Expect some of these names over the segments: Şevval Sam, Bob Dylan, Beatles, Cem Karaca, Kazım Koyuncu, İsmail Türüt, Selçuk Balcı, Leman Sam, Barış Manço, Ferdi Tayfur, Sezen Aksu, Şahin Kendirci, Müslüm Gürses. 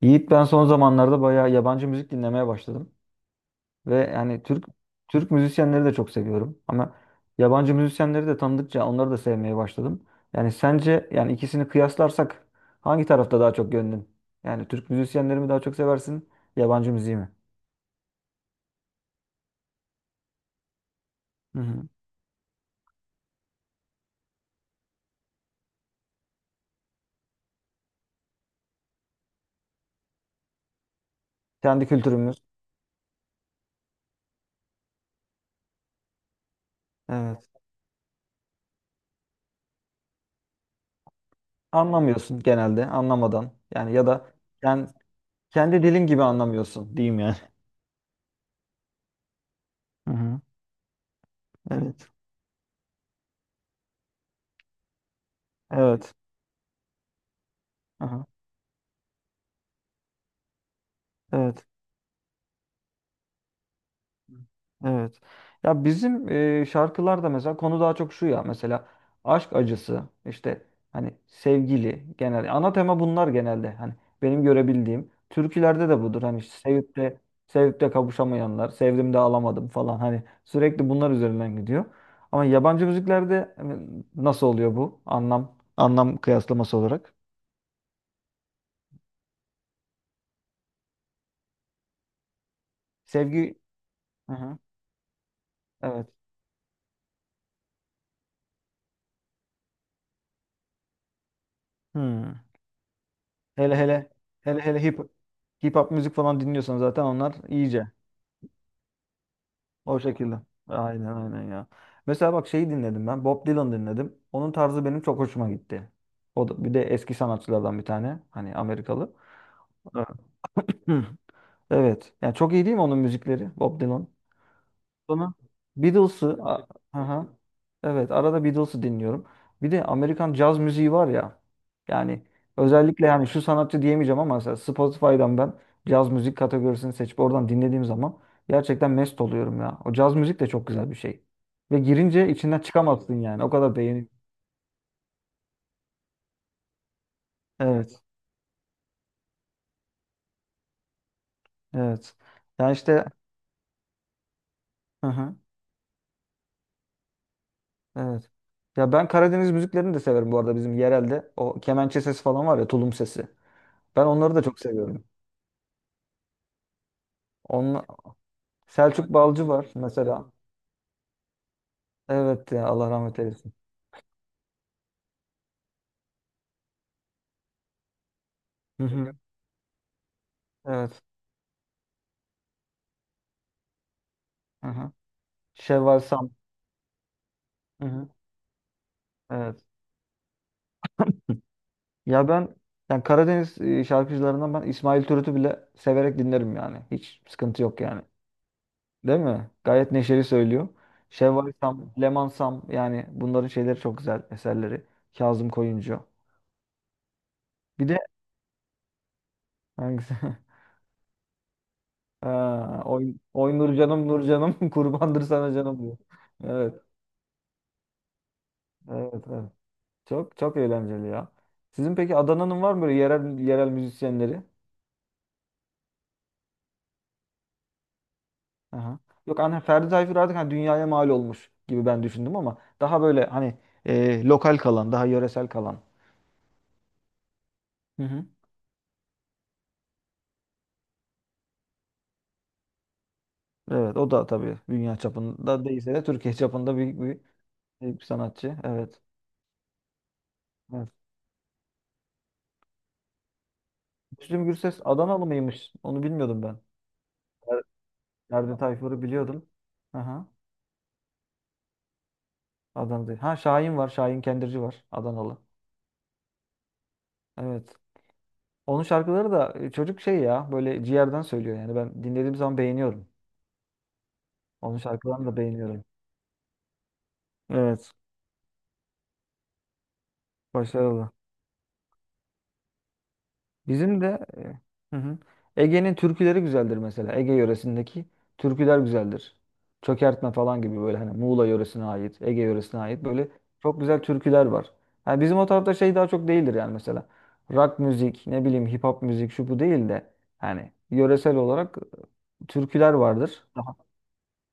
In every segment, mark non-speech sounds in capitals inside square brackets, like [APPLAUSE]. Yiğit ben son zamanlarda bayağı yabancı müzik dinlemeye başladım. Ve yani Türk müzisyenleri de çok seviyorum. Ama yabancı müzisyenleri de tanıdıkça onları da sevmeye başladım. Yani sence yani ikisini kıyaslarsak hangi tarafta daha çok gönlün? Yani Türk müzisyenleri mi daha çok seversin, yabancı müziği mi? Hı hı. Kendi kültürümüz. Evet. Anlamıyorsun genelde, anlamadan. Yani ya da yani kendi dilin gibi anlamıyorsun diyeyim yani. Hı hı. Evet. Evet. Aha. Evet. Evet. Ya bizim şarkılarda mesela konu daha çok şu ya, mesela aşk acısı işte, hani sevgili, genel ana tema bunlar genelde, hani benim görebildiğim türkülerde de budur hani, işte sevip de kavuşamayanlar, sevdim de alamadım falan, hani sürekli bunlar üzerinden gidiyor. Ama yabancı müziklerde hani, nasıl oluyor bu anlam anlam kıyaslaması olarak? Sevgi. Hı hı. Evet. Hmm. Hele hele hele hele hip hop müzik falan dinliyorsan zaten onlar iyice. O şekilde. Aynen aynen ya. Mesela bak şeyi dinledim ben. Bob Dylan dinledim. Onun tarzı benim çok hoşuma gitti. O da bir de eski sanatçılardan bir tane. Hani Amerikalı. Evet. Hı. Evet. Yani çok iyi değil mi onun müzikleri? Bob Dylan. Sonra Beatles'ı a- hı hı, evet, arada Beatles'ı dinliyorum. Bir de Amerikan caz müziği var ya. Yani özellikle yani şu sanatçı diyemeyeceğim ama mesela Spotify'dan ben caz müzik kategorisini seçip oradan dinlediğim zaman gerçekten mest oluyorum ya. O caz müzik de çok güzel bir şey. Ve girince içinden çıkamazsın yani. O kadar beğeni. Evet. Evet. Yani işte, hı hı. Evet. Ya ben Karadeniz müziklerini de severim bu arada, bizim yerelde. O kemençe sesi falan var ya, tulum sesi. Ben onları da çok seviyorum. Selçuk Balcı var mesela. Evet ya, Allah rahmet eylesin. Hı hı. Evet. Hı hı. Şevval Sam. Hı hı. Evet. Ya ben yani Karadeniz şarkıcılarından ben İsmail Türüt'ü bile severek dinlerim yani. Hiç sıkıntı yok yani. Değil mi? Gayet neşeli söylüyor. Şevval Sam, Leman Sam, yani bunların şeyleri çok güzel eserleri. Kazım Koyuncu. Bir de hangisi? [LAUGHS] Ha, oy, oy Nurcanım Nurcanım, [LAUGHS] kurbandır sana canım diyor. Evet. Evet. Evet. Çok çok eğlenceli ya. Sizin peki Adana'nın var mı böyle yerel yerel müzisyenleri? Aha. Yok hani, Ferdi Tayfur artık hani dünyaya mal olmuş gibi ben düşündüm, ama daha böyle hani lokal kalan, daha yöresel kalan. Hı hı. Evet, o da tabii dünya çapında değilse de Türkiye çapında büyük bir, büyük bir sanatçı. Evet. Evet. Müslüm Gürses Adanalı mıymış? Onu bilmiyordum ben. Fer- Ferdi Tayfur'u biliyordum. Aha. Adana'da. Ha, Şahin var. Şahin Kendirci var. Adanalı. Evet. Onun şarkıları da çocuk şey ya, böyle ciğerden söylüyor yani, ben dinlediğim zaman beğeniyorum. Onun şarkılarını da beğeniyorum. Evet, başarılı. Bizim de, hı hı, Ege'nin türküleri güzeldir mesela. Ege yöresindeki türküler güzeldir. Çökertme falan gibi, böyle hani Muğla yöresine ait, Ege yöresine ait böyle çok güzel türküler var. Yani bizim o tarafta şey daha çok değildir yani mesela. Rock müzik, ne bileyim, hip hop müzik şu bu değil de hani yöresel olarak türküler vardır.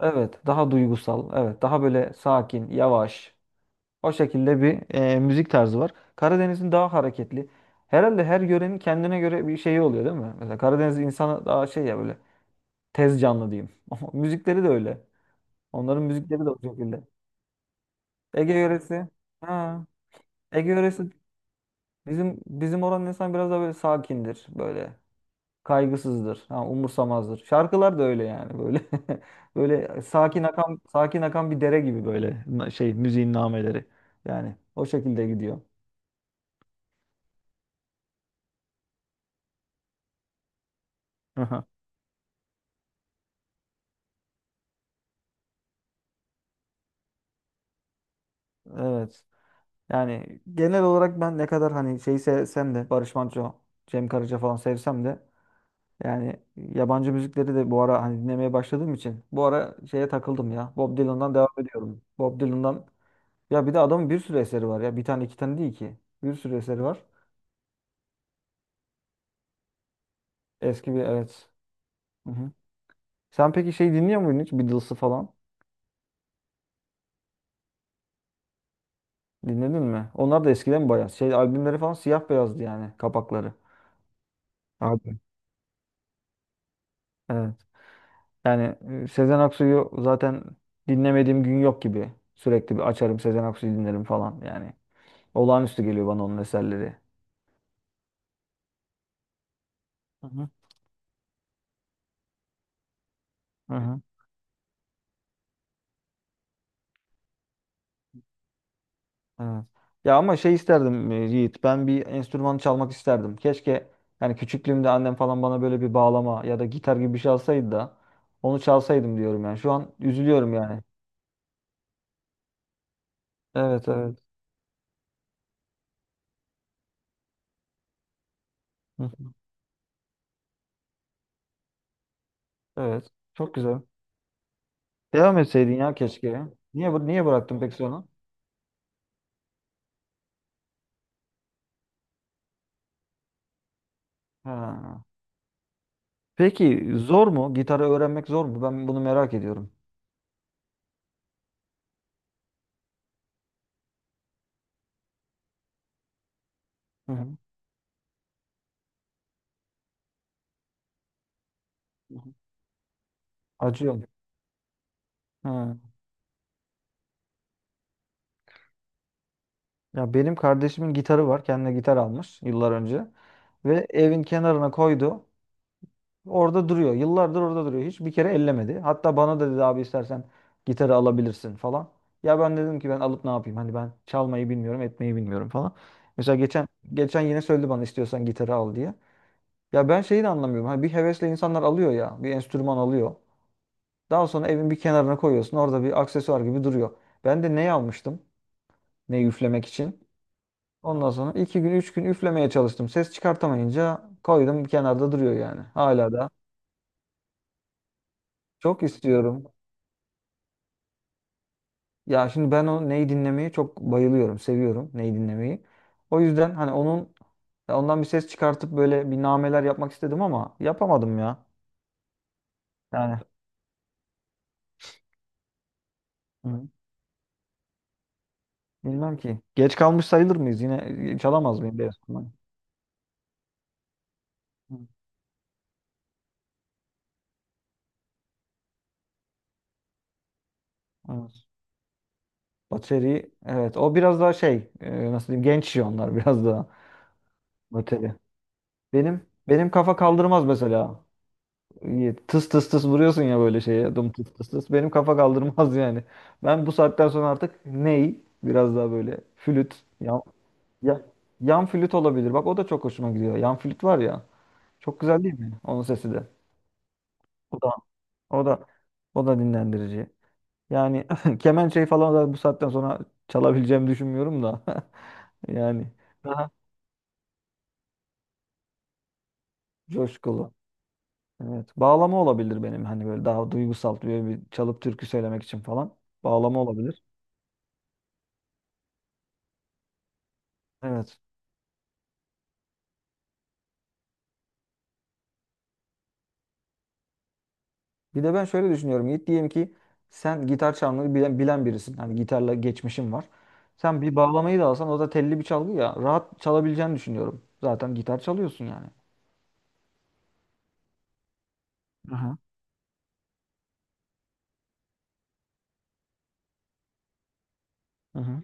Evet, daha duygusal, evet, daha böyle sakin, yavaş. O şekilde bir müzik tarzı var. Karadeniz'in daha hareketli. Herhalde her yörenin kendine göre bir şeyi oluyor değil mi? Mesela Karadeniz insanı daha şey ya, böyle tez canlı diyeyim. [LAUGHS] Ama müzikleri de öyle. Onların müzikleri de o şekilde. Ege yöresi, ha, Ege yöresi, bizim oranın insan biraz daha böyle sakindir, böyle. Kaygısızdır. Ha, umursamazdır. Şarkılar da öyle yani, böyle. [LAUGHS] Böyle sakin akan, sakin akan bir dere gibi böyle, şey, müziğin nameleri. Yani o şekilde gidiyor. Aha. Evet. Yani genel olarak ben ne kadar hani şeyi sevsem de, Barış Manço, Cem Karaca falan sevsem de, yani yabancı müzikleri de bu ara hani dinlemeye başladığım için, bu ara şeye takıldım ya. Bob Dylan'dan devam ediyorum. Bob Dylan'dan ya bir de adamın bir sürü eseri var ya. Bir tane iki tane değil ki. Bir sürü eseri var. Eski bir, evet. Hı hı. Sen peki şey dinliyor muydun hiç? Beatles'ı falan. Dinledin mi? Onlar da eskiden bayağı. Şey, albümleri falan siyah beyazdı yani, kapakları. Abi. Evet. Yani Sezen Aksu'yu zaten dinlemediğim gün yok gibi. Sürekli bir açarım, Sezen Aksu'yu dinlerim falan yani. Olağanüstü geliyor bana onun eserleri. Hı hı. Hı hı. Evet. Ya ama şey isterdim Yiğit. Ben bir enstrüman çalmak isterdim. Keşke yani küçüklüğümde annem falan bana böyle bir bağlama ya da gitar gibi bir şey alsaydı da onu çalsaydım diyorum yani. Şu an üzülüyorum yani. Evet, evet. Hı hı. Evet. Çok güzel. Devam etseydin ya, keşke. Niye bıraktın peki sonra? Ha. Peki zor mu? Gitarı öğrenmek zor mu? Ben bunu merak ediyorum. Hı hı. Hı hı. Acıyor. Ha. Ya benim kardeşimin gitarı var. Kendine gitar almış yıllar önce ve evin kenarına koydu. Orada duruyor. Yıllardır orada duruyor. Hiç bir kere ellemedi. Hatta bana da dedi, abi istersen gitarı alabilirsin falan. Ya ben dedim ki ben alıp ne yapayım? Hani ben çalmayı bilmiyorum, etmeyi bilmiyorum falan. Mesela geçen yine söyledi bana, istiyorsan gitarı al diye. Ya ben şeyi de anlamıyorum. Hani bir hevesle insanlar alıyor ya, bir enstrüman alıyor. Daha sonra evin bir kenarına koyuyorsun. Orada bir aksesuar gibi duruyor. Ben de ne almıştım? Ne, üflemek için? Ondan sonra 2 gün, 3 gün üflemeye çalıştım. Ses çıkartamayınca koydum, kenarda duruyor yani. Hala da çok istiyorum. Ya şimdi ben o neyi dinlemeyi çok bayılıyorum, seviyorum neyi dinlemeyi. O yüzden hani onun, ya ondan bir ses çıkartıp böyle bir nameler yapmak istedim ama yapamadım ya. Yani hı, bilmem ki. Geç kalmış sayılır mıyız? Yine çalamaz mıyım biraz? Hı. Evet. Bateri, evet, o biraz daha şey nasıl diyeyim, genç onlar [LAUGHS] biraz daha bateri. Benim kafa kaldırmaz mesela. İyi, tıs tıs tıs vuruyorsun ya böyle şeye. Dum tıs tıs tıs. Benim kafa kaldırmaz yani. Ben bu saatten sonra artık ney? Biraz daha böyle flüt. Ya, yan flüt olabilir. Bak o da çok hoşuma gidiyor. Yan flüt var ya. Çok güzel değil mi? Onun sesi de. O da o da o da dinlendirici. Yani [LAUGHS] kemençeyi falan da bu saatten sonra çalabileceğimi düşünmüyorum da. [LAUGHS] Yani daha coşkulu. Evet. Bağlama olabilir benim hani, böyle daha duygusal böyle bir çalıp türkü söylemek için falan. Bağlama olabilir. Evet. Bir de ben şöyle düşünüyorum Yiğit. Diyelim ki sen gitar çalmayı bilen birisin. Hani gitarla geçmişin var. Sen bir bağlamayı da alsan o da telli bir çalgı ya. Rahat çalabileceğini düşünüyorum. Zaten gitar çalıyorsun yani. Aha. Hı hı.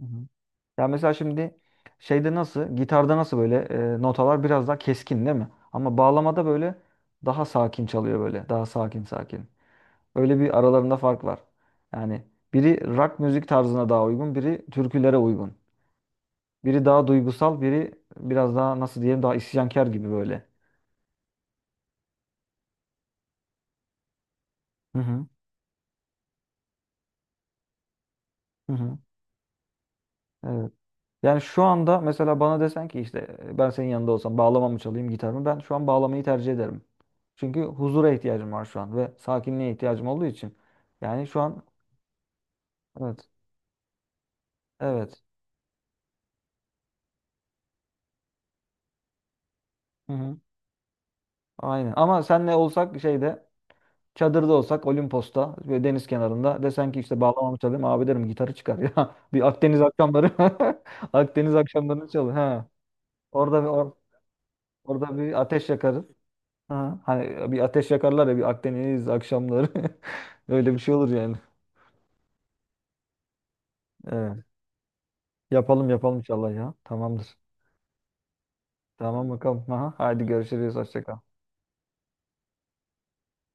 Hı hı. Ya mesela şimdi şeyde nasıl, gitarda nasıl böyle notalar biraz daha keskin değil mi? Ama bağlamada böyle daha sakin çalıyor, böyle. Daha sakin sakin. Öyle, bir aralarında fark var. Yani biri rock müzik tarzına daha uygun, biri türkülere uygun. Biri daha duygusal, biri biraz daha nasıl diyeyim, daha isyankar gibi böyle. Hı hı. Hı hı. Evet. Yani şu anda mesela bana desen ki işte ben senin yanında olsam bağlama mı çalayım gitar mı? Ben şu an bağlamayı tercih ederim. Çünkü huzura ihtiyacım var şu an ve sakinliğe ihtiyacım olduğu için. Yani şu an, evet. Evet. Hı hı. Aynen. Ama senle olsak şeyde, çadırda olsak Olimpos'ta ve deniz kenarında, desen ki işte bağlamamı çalayım, abi derim gitarı çıkar ya. [LAUGHS] Bir Akdeniz akşamları. [LAUGHS] Akdeniz akşamlarını çalın. Ha. Orada bir or Orada bir ateş yakarız. Ha, hani bir ateş yakarlar ya, bir Akdeniz akşamları. [LAUGHS] Öyle bir şey olur yani. Evet. Yapalım yapalım inşallah ya. Tamamdır. Tamam bakalım. Aha, hadi görüşürüz. Hoşça kal.